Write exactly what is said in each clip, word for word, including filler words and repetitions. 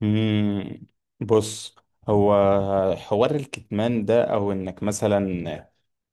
مم. بص، هو حوار الكتمان ده او انك مثلا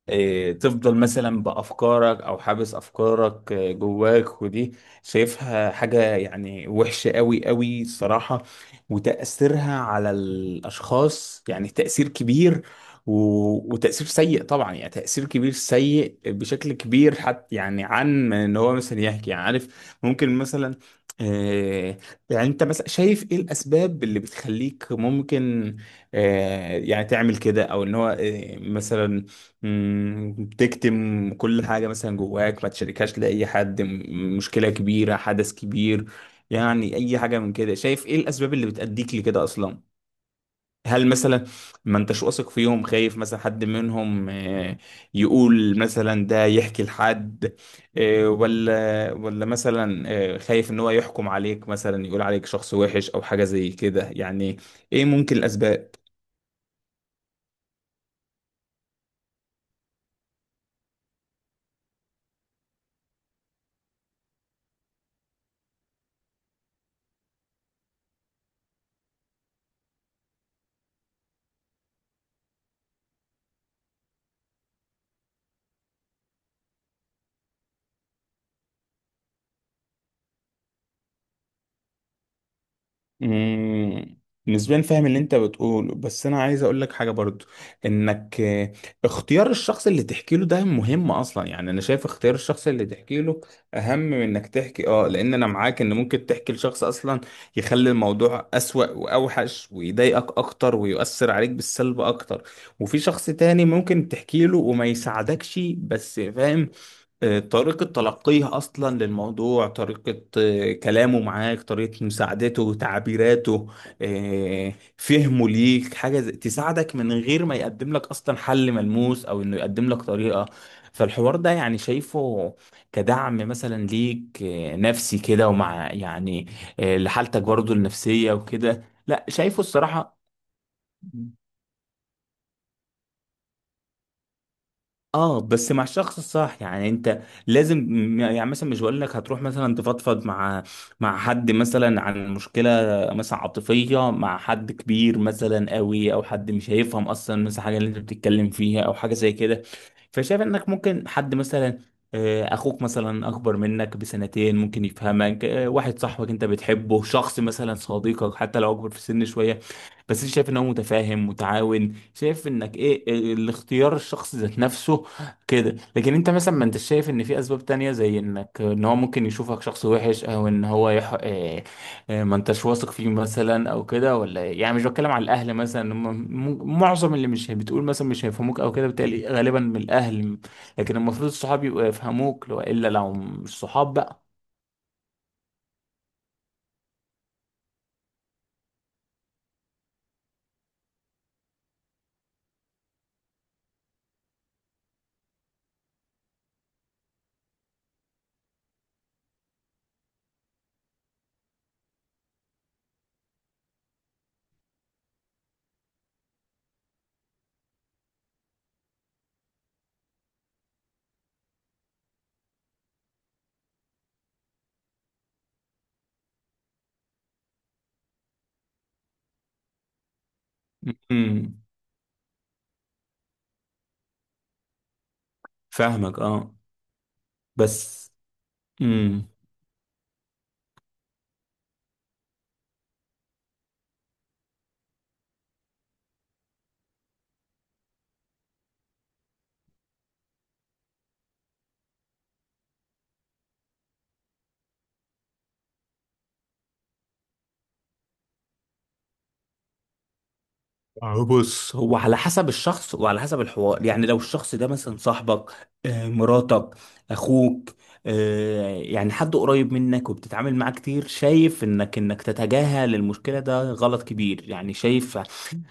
إيه، تفضل مثلا بأفكارك أو حابس أفكارك آه، جواك. ودي شايفها حاجة يعني وحشة قوي قوي الصراحة، وتأثيرها على الأشخاص يعني تأثير كبير، و- وتأثير سيء طبعا، يعني تأثير كبير سيء بشكل كبير حتى. يعني عن إن هو مثلا يحكي، يعني عارف ممكن مثلا آه، يعني انت مثلا شايف ايه الاسباب اللي بتخليك ممكن آه، يعني تعمل كده، او ان هو آه، مثلا مم، بتكتم كل حاجة مثلا جواك، ما تشاركهاش لأي حد. م- مشكلة كبيرة، حدث كبير، يعني أي حاجة من كده. شايف إيه الأسباب اللي بتأديك لكده أصلا؟ هل مثلا ما انتش واثق فيهم، خايف مثلا حد منهم آه، يقول مثلا، ده يحكي لحد آه، ولا ولا مثلا آه، خايف ان هو يحكم عليك مثلا، يقول عليك شخص وحش او حاجة زي كده؟ يعني ايه ممكن الاسباب؟ مم، نسبيا فاهم اللي انت بتقوله، بس انا عايز اقول لك حاجه برضو. انك آه، اختيار الشخص اللي تحكي له ده مهم اصلا. يعني انا شايف اختيار الشخص اللي تحكي له اهم من انك تحكي، اه. لان انا معاك ان ممكن تحكي لشخص اصلا يخلي الموضوع اسوأ واوحش، ويضايقك اكتر، ويؤثر عليك بالسلب اكتر. وفي شخص تاني ممكن تحكي له وما يساعدكش، بس فاهم آه، طريقة تلقيه أصلا للموضوع، طريقة آه، كلامه معاك، طريقة مساعدته، تعبيراته، آه، فهمه ليك، حاجة زي- تساعدك من غير ما يقدم لك أصلا حل ملموس، أو إنه يقدم لك طريقة. فالحوار ده يعني شايفه كدعم مثلا ليك آه، نفسي كده، ومع يعني آه، لحالتك برضو النفسية وكده، لا شايفه الصراحة. اه، بس مع الشخص الصح. يعني انت لازم م- يعني مثلا مش بقول لك هتروح مثلا تفضفض مع مع حد مثلا عن مشكله مثلا عاطفيه مع حد كبير مثلا قوي، او حد مش هيفهم اصلا مثلا حاجه اللي انت بتتكلم فيها، او حاجه زي كده. فشايف انك ممكن حد مثلا آه، اخوك مثلا اكبر منك بسنتين ممكن يفهمك، آه، واحد صاحبك انت بتحبه، شخص مثلا صديقك حتى لو اكبر في السن شويه، بس انت شايف ان هو متفاهم متعاون. شايف انك ايه آه، الاختيار الشخص ذات نفسه كده. لكن انت مثلا ما انت شايف ان في اسباب تانية، زي انك ان هو ممكن يشوفك شخص وحش، او ان هو يح... اه، اه، ما انتش واثق فيه مثلا او كده، ولا ايه؟ يعني مش بتكلم على الاهل، مثلا هم م- معظم اللي مش بتقول مثلا مش هيفهموك او كده، بالتالي غالبا من الاهل. لكن المفروض الصحاب يبقوا يفهموك، لو الا لو مش صحاب بقى. امم، فاهمك، اه. بس آه، بص، هو على حسب الشخص وعلى حسب الحوار. يعني لو الشخص ده مثلا صاحبك، آه، مراتك، اخوك، آه، يعني حد قريب منك وبتتعامل معاه كتير، شايف انك انك تتجاهل المشكلة ده غلط كبير. يعني شايف،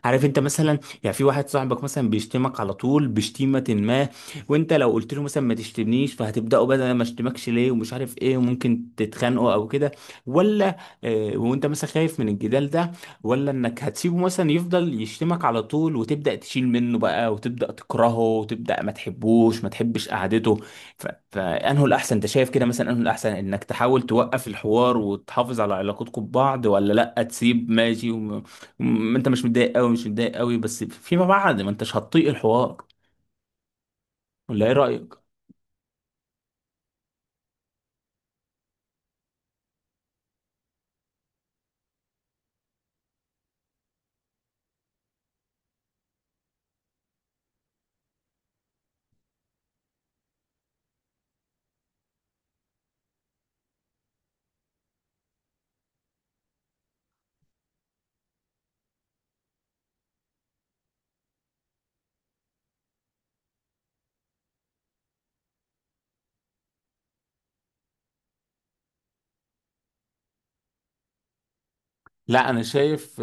عارف، انت مثلا يعني في واحد صاحبك مثلا بيشتمك على طول بشتيمة ما، وانت لو قلت له مثلا ما تشتمنيش، فهتبدأوا بدل ما اشتمكش ليه ومش عارف ايه، وممكن تتخانقوا او كده، ولا آه، وانت مثلا خايف من الجدال ده، ولا انك هتسيبه مثلا يفضل يشتمك على طول، وتبدأ تشيل منه بقى، وتبدأ تكرهه، وتبدأ ما تحبوش، ما تحبش قعدته. ف... فانه الاحسن انت شايف كده مثلا، انه الاحسن انك تحاول توقف الحوار وتحافظ على علاقتكم ببعض، ولا لا، تسيب ماشي وم... وم... انت مش متضايق قوي، مش متضايق قوي، بس فيما بعد ما انتش هتطيق الحوار، ولا ايه رأيك؟ لا انا شايف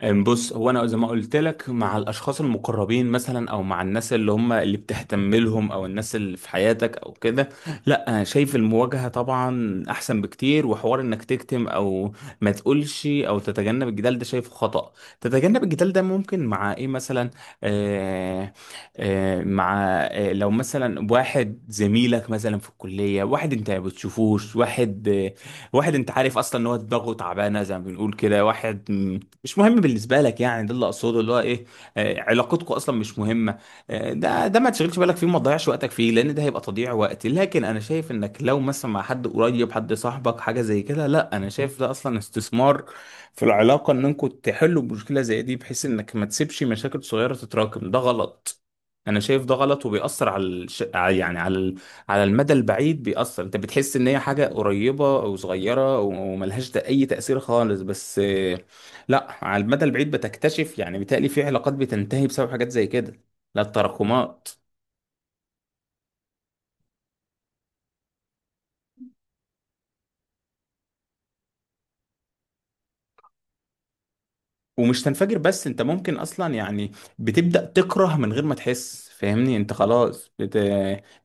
أم بص، هو انا زي ما قلت لك، مع الاشخاص المقربين مثلا، او مع الناس اللي هم اللي بتهتم لهم، او الناس اللي في حياتك او كده، لا أنا شايف المواجهه طبعا احسن بكتير. وحوار انك تكتم او ما تقولش او تتجنب الجدال ده شايفه خطأ. تتجنب الجدال ده ممكن مع ايه مثلا؟ آه آه مع آه لو مثلا واحد زميلك مثلا في الكليه، واحد انت ما بتشوفوش، واحد آه، واحد انت عارف اصلا ان هو دماغه تعبانه زي ما بنقول كده، واحد مش مهم بالنسبه لك. يعني ده اللي اقصده، اللي هو ايه آه، علاقتكم اصلا مش مهمه، آه، ده ده ما تشغلش بالك فيه وما تضيعش وقتك فيه، لان ده هيبقى تضييع وقت. لكن انا شايف انك لو مثلا مع حد قريب، حد صاحبك، حاجه زي كده، لا، انا شايف ده اصلا استثمار في العلاقه، ان انكم تحلوا مشكله زي دي، بحيث انك ما تسيبش مشاكل صغيره تتراكم. ده غلط، انا شايف ده غلط، وبيأثر على الش... على- يعني على ال... على المدى البعيد بيأثر. انت بتحس ان هي حاجة قريبة او صغيرة وملهاش اي تأثير خالص، بس لا، على المدى البعيد بتكتشف، يعني بيتهيألي في علاقات بتنتهي بسبب حاجات زي كده. لا، التراكمات. ومش تنفجر بس، انت ممكن اصلا يعني بتبدأ تكره من غير ما تحس. فاهمني، انت خلاص بت...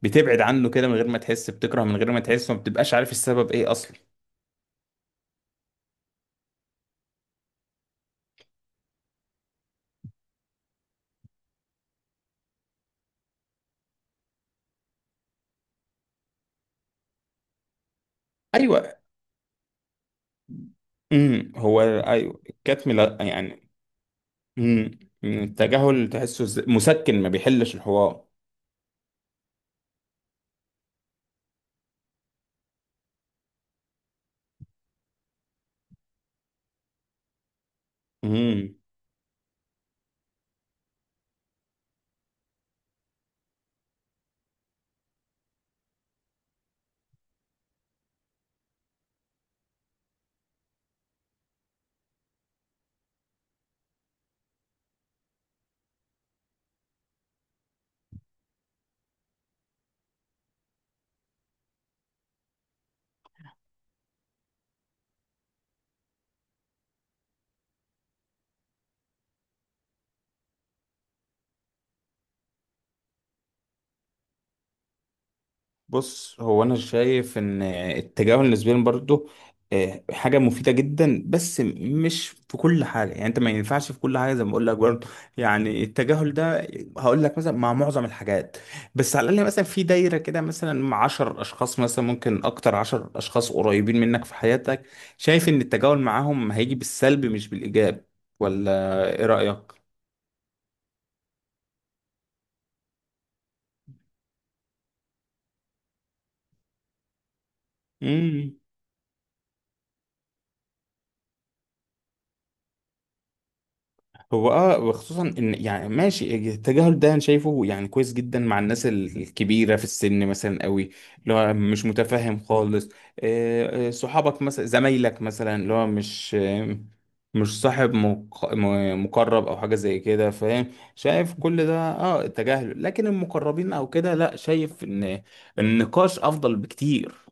بتبعد عنه كده من غير ما تحس، بتكره من غير ما تحس، وما بتبقاش عارف السبب ايه اصلا. ايوه، امم، هو ايوه، الكتم لا يعني. امم، التجاهل تحسه ز- مسكن، ما بيحلش الحوار. امم، بص، هو انا شايف ان التجاهل نسبيا برضه آه، حاجه مفيده جدا، بس مش في كل حاجه. يعني انت ما ينفعش في كل حاجه، زي ما بقول لك برضه، يعني التجاهل ده هقول لك مثلا مع معظم الحاجات، بس على الاقل مثلا في دايره كده مثلا مع عشرة اشخاص مثلا، ممكن اكتر، عشرة اشخاص قريبين منك في حياتك، شايف ان التجاهل معاهم هيجي بالسلب مش بالايجاب. ولا ايه رايك؟ هو اه، وخصوصا ان يعني ماشي، التجاهل ده انا شايفه يعني كويس جدا مع الناس ال- الكبيره في السن مثلا قوي، اللي هو مش متفاهم خالص، آه، آه، صحابك مثلا، زمايلك مثلا، اللي هو مش آه، مش صاحب مق- م- مقرب او حاجه زي كده. فاهم، شايف كل ده اه التجاهل. لكن المقربين او كده، لا شايف ان النقاش افضل بكتير.